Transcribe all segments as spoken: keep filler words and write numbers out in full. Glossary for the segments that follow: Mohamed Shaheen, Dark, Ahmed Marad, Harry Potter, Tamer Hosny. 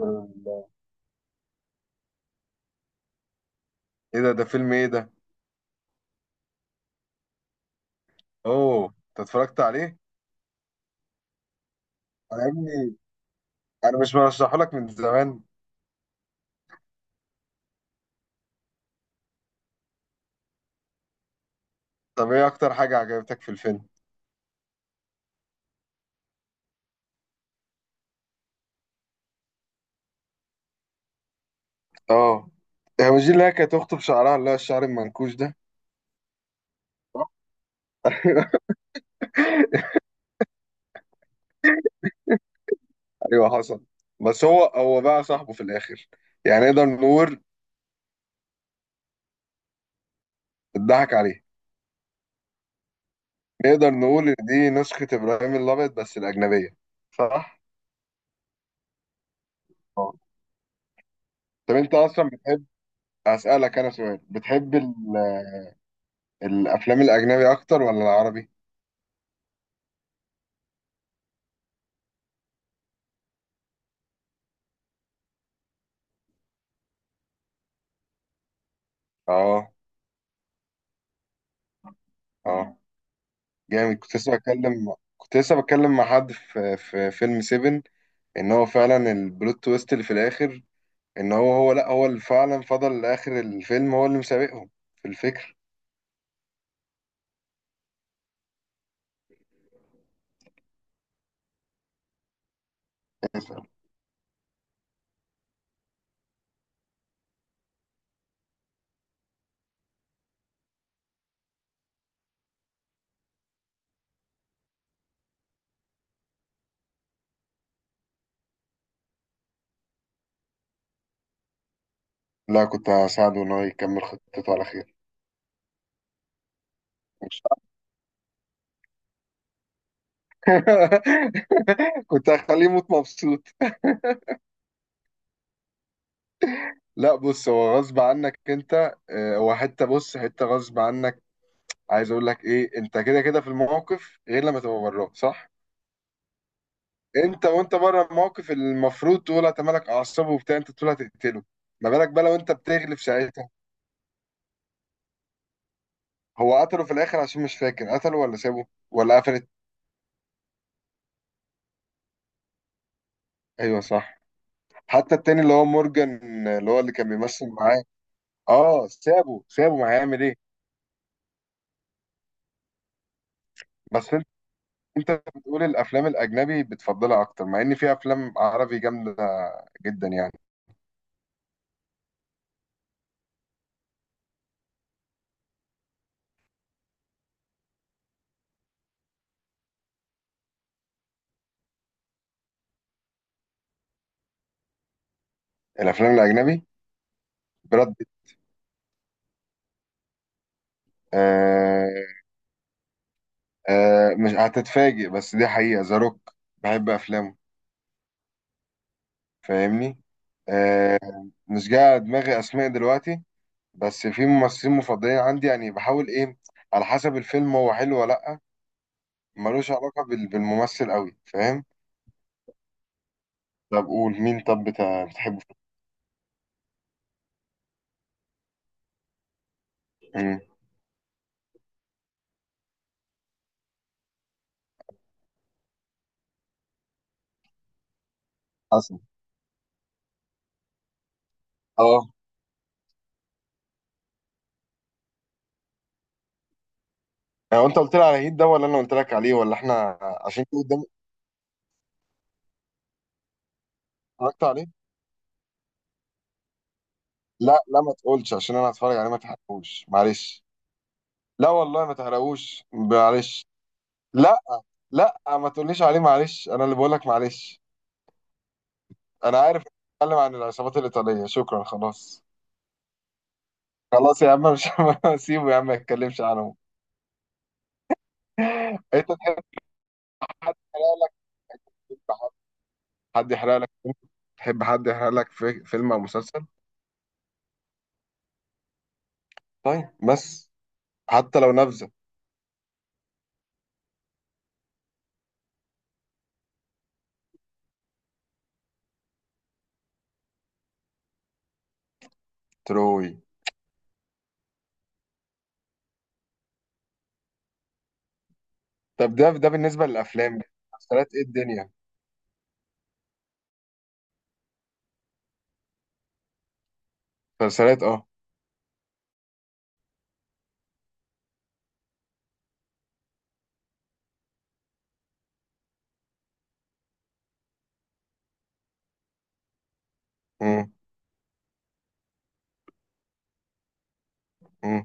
الله. ايه ده ده فيلم ايه ده؟ اوه، انت اتفرجت عليه؟ انا يا ابني، انا مش برشحه لك من زمان؟ طب ايه اكتر حاجه عجبتك في الفيلم؟ اه. هي مش دي اللي هي كانت اخته بشعرها، اللي هو الشعر المنكوش ده؟ ايوه حصل. بس هو هو بقى صاحبه في الاخر، يعني نقدر نقول. اتضحك عليه. نقدر نقول ان دي نسخه ابراهيم الابيض بس الاجنبيه؟ صح. اه. طب انت اصلا بتحب، اسالك انا سؤال، بتحب ال- الافلام الاجنبي اكتر ولا العربي؟ اه. اه. جامد. كنت لسه بتكلم كنت لسه بتكلم مع حد في في فيلم سفن، ان هو فعلا البلوت تويست اللي في الاخر، ان هو هو لا هو اللي فعلا فضل لاخر الفيلم، هو اللي مسابقهم في الفكر. لا، كنت هساعده ان هو يكمل خطته على خير. مش... كنت هخليه يموت مبسوط. لا بص، هو غصب عنك انت، آه، هو حته. بص، حته غصب عنك. عايز اقول لك ايه، انت كده كده في الموقف غير لما تبقى براه، صح؟ انت وانت بره الموقف، المفروض تقول هتملك اعصابه وبتاع، انت تقول هتقتله. ما بالك بقى لو انت بتغلف ساعتها؟ هو قتله في الاخر عشان مش فاكر، قتله ولا سابه ولا قفلت؟ ايوه صح. حتى التاني اللي هو مورجان، اللي هو اللي كان بيمثل معاه. اه، سابه سابه، ما هيعمل ايه. بس انت انت بتقول الافلام الاجنبي بتفضلها اكتر، مع ان في افلام عربي جامده جدا يعني. الافلام الاجنبي: براد بيت. آه آه مش هتتفاجئ، بس دي حقيقه، ذا روك بحب افلامه. فاهمني؟ آه مش جاي على دماغي اسماء دلوقتي، بس في ممثلين مفضلين عندي، يعني بحاول ايه، على حسب الفيلم هو حلو ولا لا. ملوش علاقة بال- بالممثل قوي، فاهم. طب قول مين، طب بتا- بتحبه في- مم. حسن. اه. هو انت قلت لي على هيد ده ولا انا قلت لك عليه، ولا احنا عشان كده قدام؟ اتفرجت عليه؟ لا لا، ما تقولش عشان انا هتفرج عليه، ما تحرقوش معلش. لا والله، ما تحرقوش معلش. لا لا، ما تقوليش عليه معلش، انا اللي بقول لك معلش. انا عارف. اتكلم عن العصابات الايطاليه، شكرا، خلاص. خلاص يا عم، مش... سيبه يا عم، ما يتكلمش عنه. انت تحب حد يحرق لك؟ حد يحرق لك؟ تحب حد يحرق لك في فيلم او مسلسل؟ طيب، بس حتى لو نبذه. تروي. طب ده ده بالنسبه للافلام. مسلسلات ايه الدنيا؟ مسلسلات، اه. امم. امم.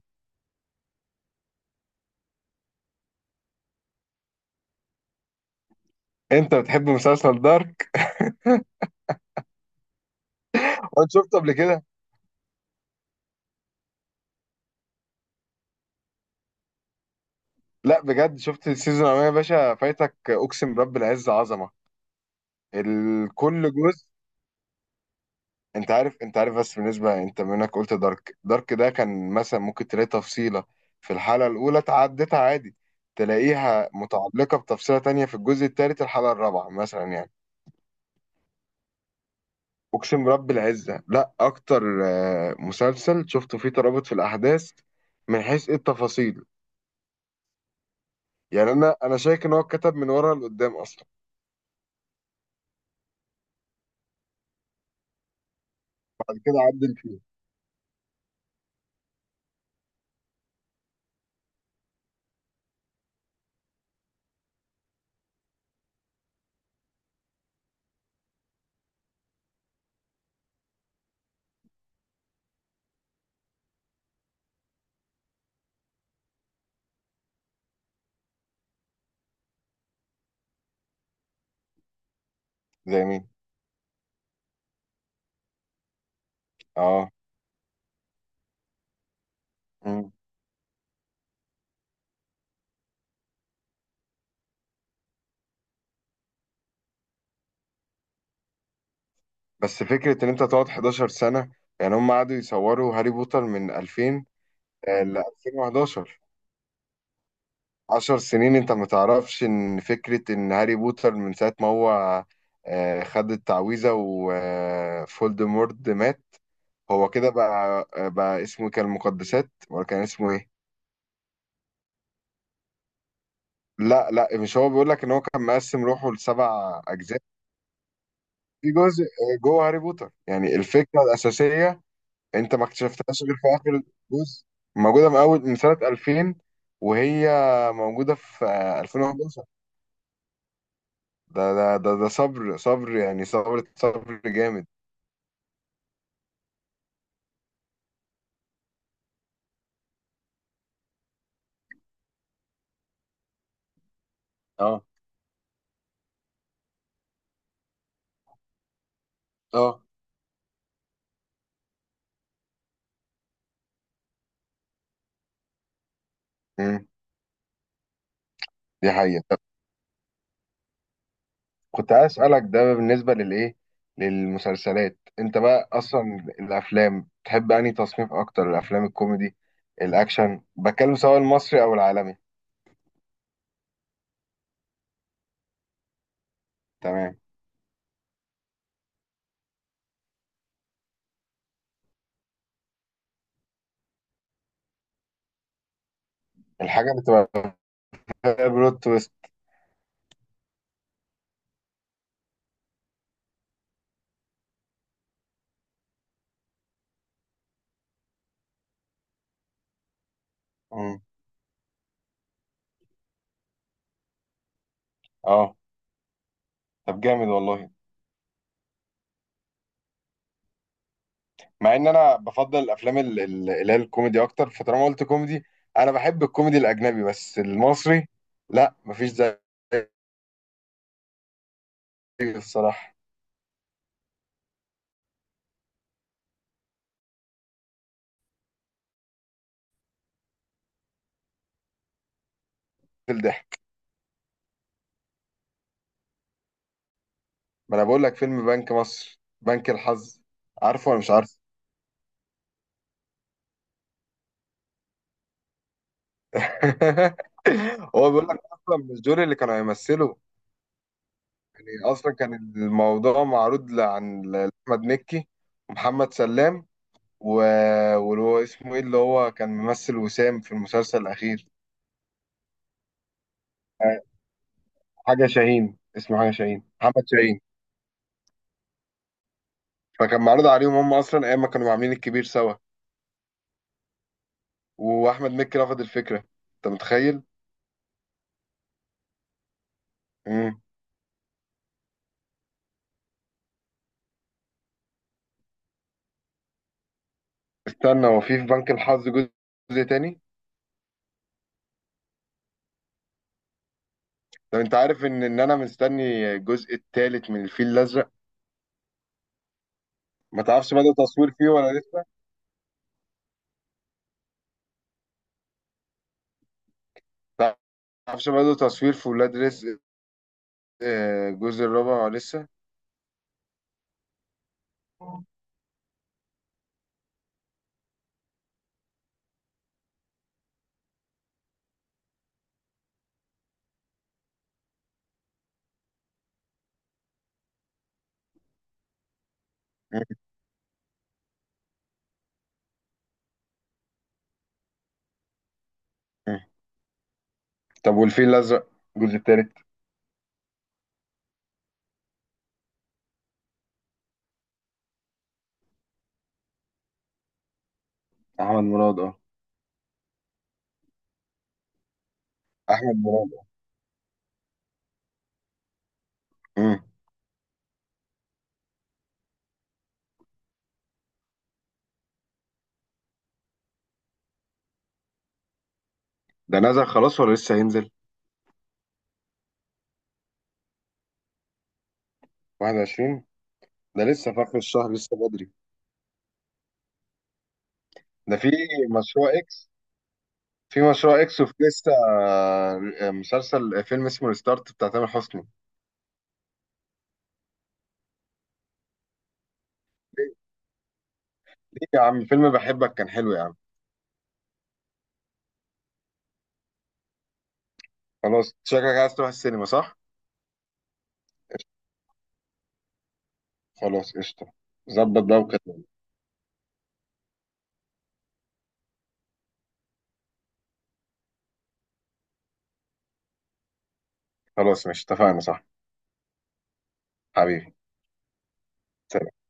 انت بتحب مسلسل دارك؟ وانت شفته قبل كده؟ لا بجد، شفت السيزون الاولاني يا باشا، فايتك، اقسم برب العز، عظمه. ال- كل جزء. انت عارف انت عارف بس بالنسبه انت منك قلت دارك دارك ده كان مثلا ممكن تلاقي تفصيله في الحلقه الاولى تعدتها عادي، تلاقيها متعلقه بتفصيله تانية في الجزء الثالث الحلقه الرابعه مثلا، يعني. اقسم برب العزه، لا اكتر آه، مسلسل شفته فيه ترابط في الاحداث، من حيث ايه التفاصيل. يعني انا انا شايف ان هو اتكتب من ورا لقدام اصلا، بعد كده عدل فيه. زي مين؟ اه. مم. بس فكره ان انت تقعد 11 سنه، يعني هم قعدوا يصوروا هاري بوتر من ألفين ال ألفين وحداشر. 10 سنين، انت ما تعرفش ان فكرة ان هاري بوتر من ساعة ما هو آه، خد التعويذة وفولدمورت مات، هو كده بقى آه، بقى اسمه إيه، كان المقدسات، ولا كان اسمه ايه؟ لا لا، مش هو بيقول لك ان هو كان مقسم روحه لسبع اجزاء؟ في جزء آه، جوه هاري بوتر، يعني الفكرة الأساسية انت ما اكتشفتهاش غير في آخر جزء. موجودة من اول من سنة ألفين، وهي موجودة في آه، ألفين وحداشر. ده ده ده ده صبر صبر، يعني صبر صبر جامد. اه. اه. امم. دي حقيقة. طب كنت عايز أسألك ده بالنسبة للإيه، للمسلسلات. أنت بقى أصلا الأفلام، تحب أنهي تصنيف أكتر؟ الأفلام الكوميدي، الأكشن؟ بتكلم سواء المصري أو العالمي. تمام. الحاجة اللي تبقى فيها بلوت تويست. امم. أه. طب جامد والله. مع إن أنا بفضل الأفلام ال- ال- اللي هي الكوميدي أكتر. فطالما قلت كوميدي، أنا بحب الكوميدي الأجنبي، بس المصري لأ، مفيش زيه. ايه الصراحه في الضحك؟ ما انا بقول لك، فيلم بنك مصر، بنك الحظ، عارفه ولا مش عارفه؟ هو بيقول لك اصلا مش دول اللي كانوا هيمثلوا، يعني. اصلا كان الموضوع معروض ل- عن ل- لاحمد مكي، ومحمد سلام، و... واللي هو اسمه ايه، اللي هو كان ممثل وسام في المسلسل الاخير. حاجه شاهين اسمه، حاجه شاهين، محمد شاهين. فكان معروض عليهم هم اصلا ايام ما كانوا عاملين الكبير سوا، واحمد مكي رفض الفكره. انت متخيل؟ استنى، هو في في بنك الحظ جزء، جزء تاني؟ طب انت عارف ان ان انا مستني الجزء التالت من الفيل الازرق. ما تعرفش بدأوا تصوير فيه ولا لسه؟ ما تعرفش بدأوا تصوير في ولاد رزق آه، الجزء الرابع ولا لسه؟ مم. مم. طب والفيل الازرق الجزء التالت؟ احمد مراد، اه. احمد مراد، اه. مم. ده نزل خلاص ولا لسه هينزل؟ واحد وعشرين؟ ده لسه في اخر الشهر، لسه بدري. ده في مشروع اكس؟ في مشروع اكس، وفي لسه آه، مسلسل آه، فيلم اسمه ريستارت بتاع تامر حسني. ليه يا عم، فيلم بحبك كان حلو يا عم. خلاص، شكلك عايز تروح السينما صح؟ قشطة. خلاص قشطة. ظبط بقى وكده. خلاص ماشي، اتفقنا صح؟ حبيبي. سلام.